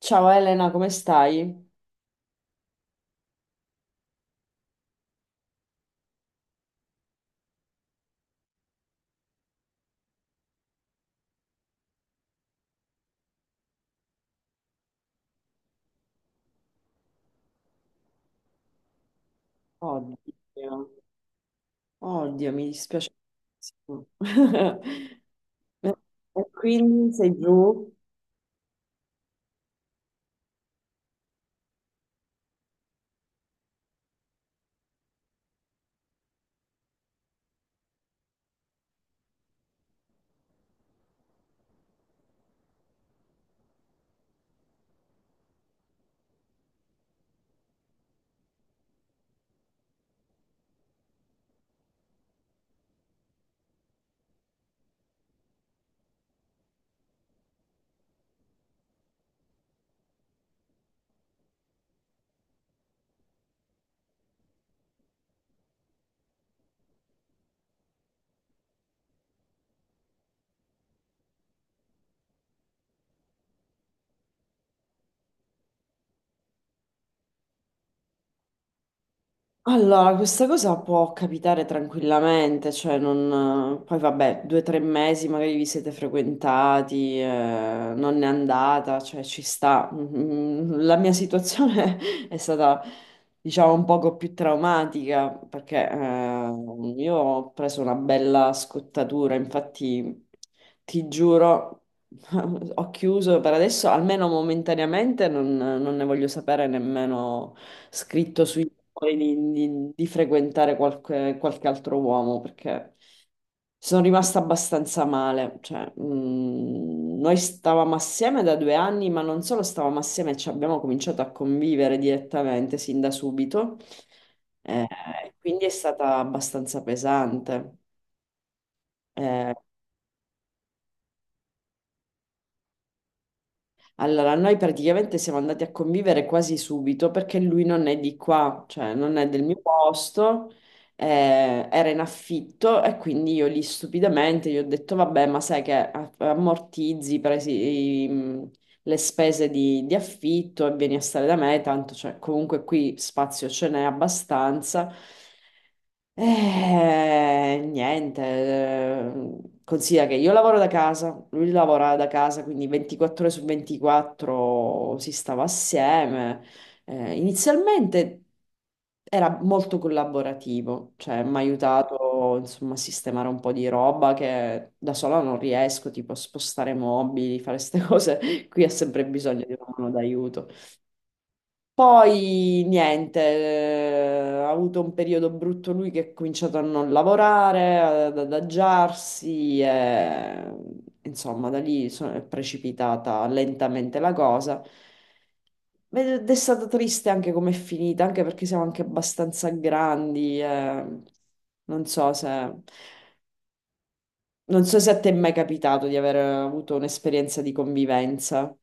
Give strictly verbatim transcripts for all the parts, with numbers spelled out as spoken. Ciao Elena, come stai? Oddio, oddio, mi dispiace tantissimo. E quindi sei giù? Allora, questa cosa può capitare tranquillamente, cioè non... Poi vabbè, due o tre mesi magari vi siete frequentati, eh, non è andata, cioè ci sta. Mm, la mia situazione è stata, diciamo, un poco più traumatica perché eh, io ho preso una bella scottatura, infatti ti giuro. Ho chiuso per adesso, almeno momentaneamente, non, non ne voglio sapere nemmeno scritto sui muri di, di- di frequentare qualche, qualche altro uomo perché sono rimasta abbastanza male. Cioè, mm, noi stavamo assieme da due anni, ma non solo stavamo assieme, ci abbiamo cominciato a convivere direttamente sin da subito. Eh, quindi è stata abbastanza pesante. Eh, Allora, noi praticamente siamo andati a convivere quasi subito perché lui non è di qua, cioè non è del mio posto, eh, era in affitto e quindi io lì stupidamente gli ho detto, vabbè, ma sai che a- ammortizzi presi, i- le spese di, di affitto e vieni a stare da me, tanto cioè, comunque qui spazio ce n'è abbastanza. Eh, niente, eh, considera che io lavoro da casa, lui lavora da casa, quindi ventiquattro ore su ventiquattro si stava assieme. Eh, inizialmente era molto collaborativo, cioè mi ha aiutato insomma a sistemare un po' di roba che da sola non riesco, tipo a spostare mobili, fare queste cose. Qui ha sempre bisogno di una mano d'aiuto. Poi niente, eh, ha avuto un periodo brutto lui che ha cominciato a non lavorare, ad adagiarsi, e, insomma da lì so- è precipitata lentamente la cosa. Ed è stata triste anche come è finita, anche perché siamo anche abbastanza grandi. Eh. Non so se... non so se a te è mai capitato di aver avuto un'esperienza di convivenza.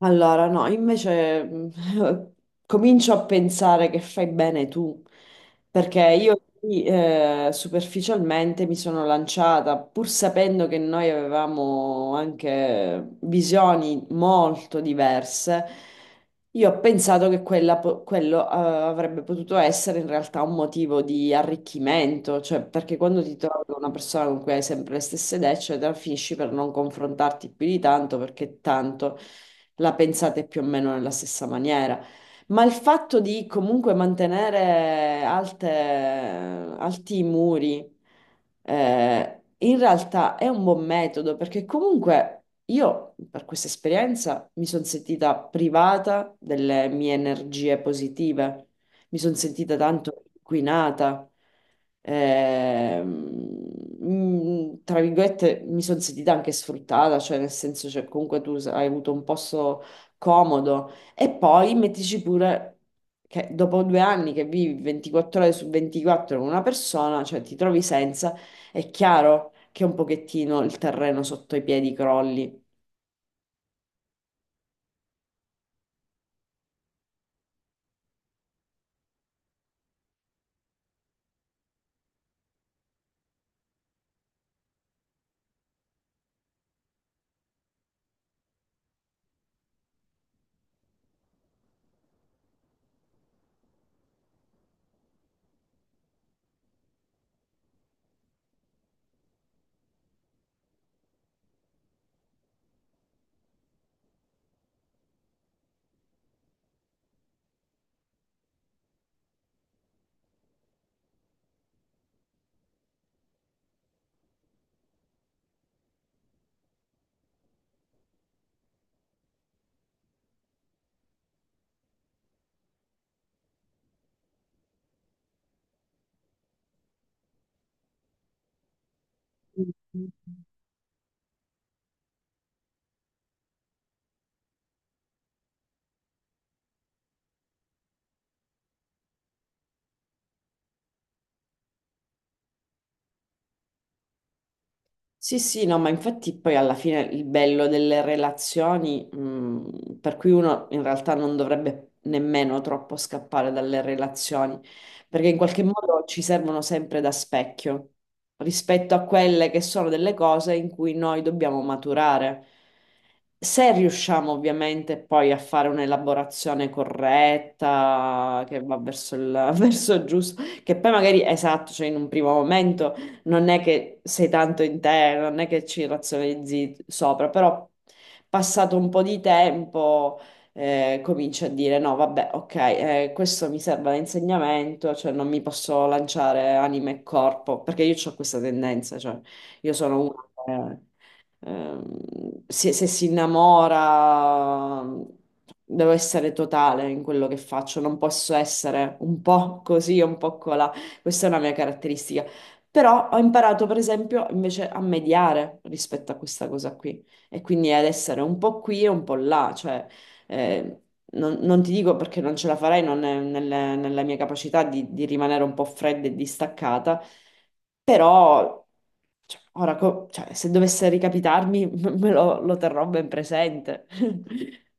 Allora, no, invece mm, comincio a pensare che fai bene tu, perché io lì, eh, superficialmente mi sono lanciata, pur sapendo che noi avevamo anche visioni molto diverse, io ho pensato che quella po- quello, eh, avrebbe potuto essere in realtà un motivo di arricchimento, cioè perché quando ti trovi con una persona con cui hai sempre le stesse idee, eccetera, finisci per non confrontarti più di tanto perché tanto la pensate più o meno nella stessa maniera. Ma il fatto di comunque mantenere alte- alti i muri, eh, in realtà è un buon metodo perché comunque io per questa esperienza mi sono sentita privata delle mie energie positive, mi sono sentita tanto inquinata, ehm, mm, tra virgolette mi sono sentita anche sfruttata, cioè nel senso cioè, comunque tu s- hai avuto un posto comodo e poi mettici pure che dopo due anni che vivi ventiquattro ore su ventiquattro con una persona, cioè ti trovi senza, è chiaro che un pochettino il terreno sotto i piedi crolli. Sì, sì, no, ma infatti poi alla fine il bello delle relazioni, mh, per cui uno in realtà non dovrebbe nemmeno troppo scappare dalle relazioni, perché in qualche modo ci servono sempre da specchio rispetto a quelle che sono delle cose in cui noi dobbiamo maturare. Se riusciamo ovviamente poi a fare un'elaborazione corretta che va verso il, verso il giusto, che poi magari esatto, cioè in un primo momento non è che sei tanto in te, non è che ci razionalizzi sopra, però passato un po' di tempo eh, cominci a dire no, vabbè, ok, eh, questo mi serve da insegnamento, cioè non mi posso lanciare anima e corpo, perché io ho questa tendenza, cioè io sono una... eh, ehm, se, se si innamora, devo essere totale in quello che faccio, non posso essere un po' così o un po' colà. Questa è una mia caratteristica. Però ho imparato, per esempio, invece a mediare rispetto a questa cosa qui e quindi ad essere un po' qui e un po' là, cioè eh, non, non ti dico perché non ce la farei, non è nelle- nella mia capacità di, di rimanere un po' fredda e distaccata, però cioè, ora, co- cioè, se dovesse ricapitarmi, me lo, lo terrò ben presente.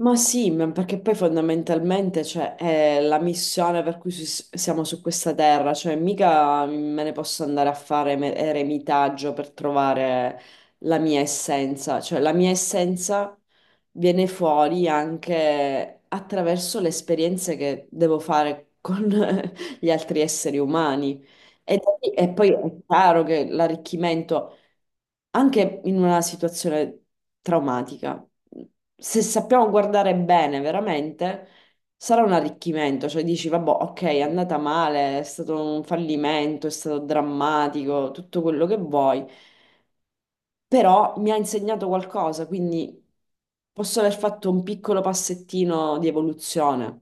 Ma sì, ma perché poi fondamentalmente cioè, è la missione per cui si- siamo su questa terra, cioè mica me ne posso andare a fare me- eremitaggio per trovare la mia essenza, cioè la mia essenza viene fuori anche attraverso le esperienze che devo fare con gli altri esseri umani. E, da lì- e poi è chiaro che l'arricchimento anche in una situazione traumatica, se sappiamo guardare bene veramente, sarà un arricchimento, cioè dici, vabbè, ok, è andata male, è stato un fallimento, è stato drammatico, tutto quello che vuoi, però mi ha insegnato qualcosa, quindi posso aver fatto un piccolo passettino di evoluzione.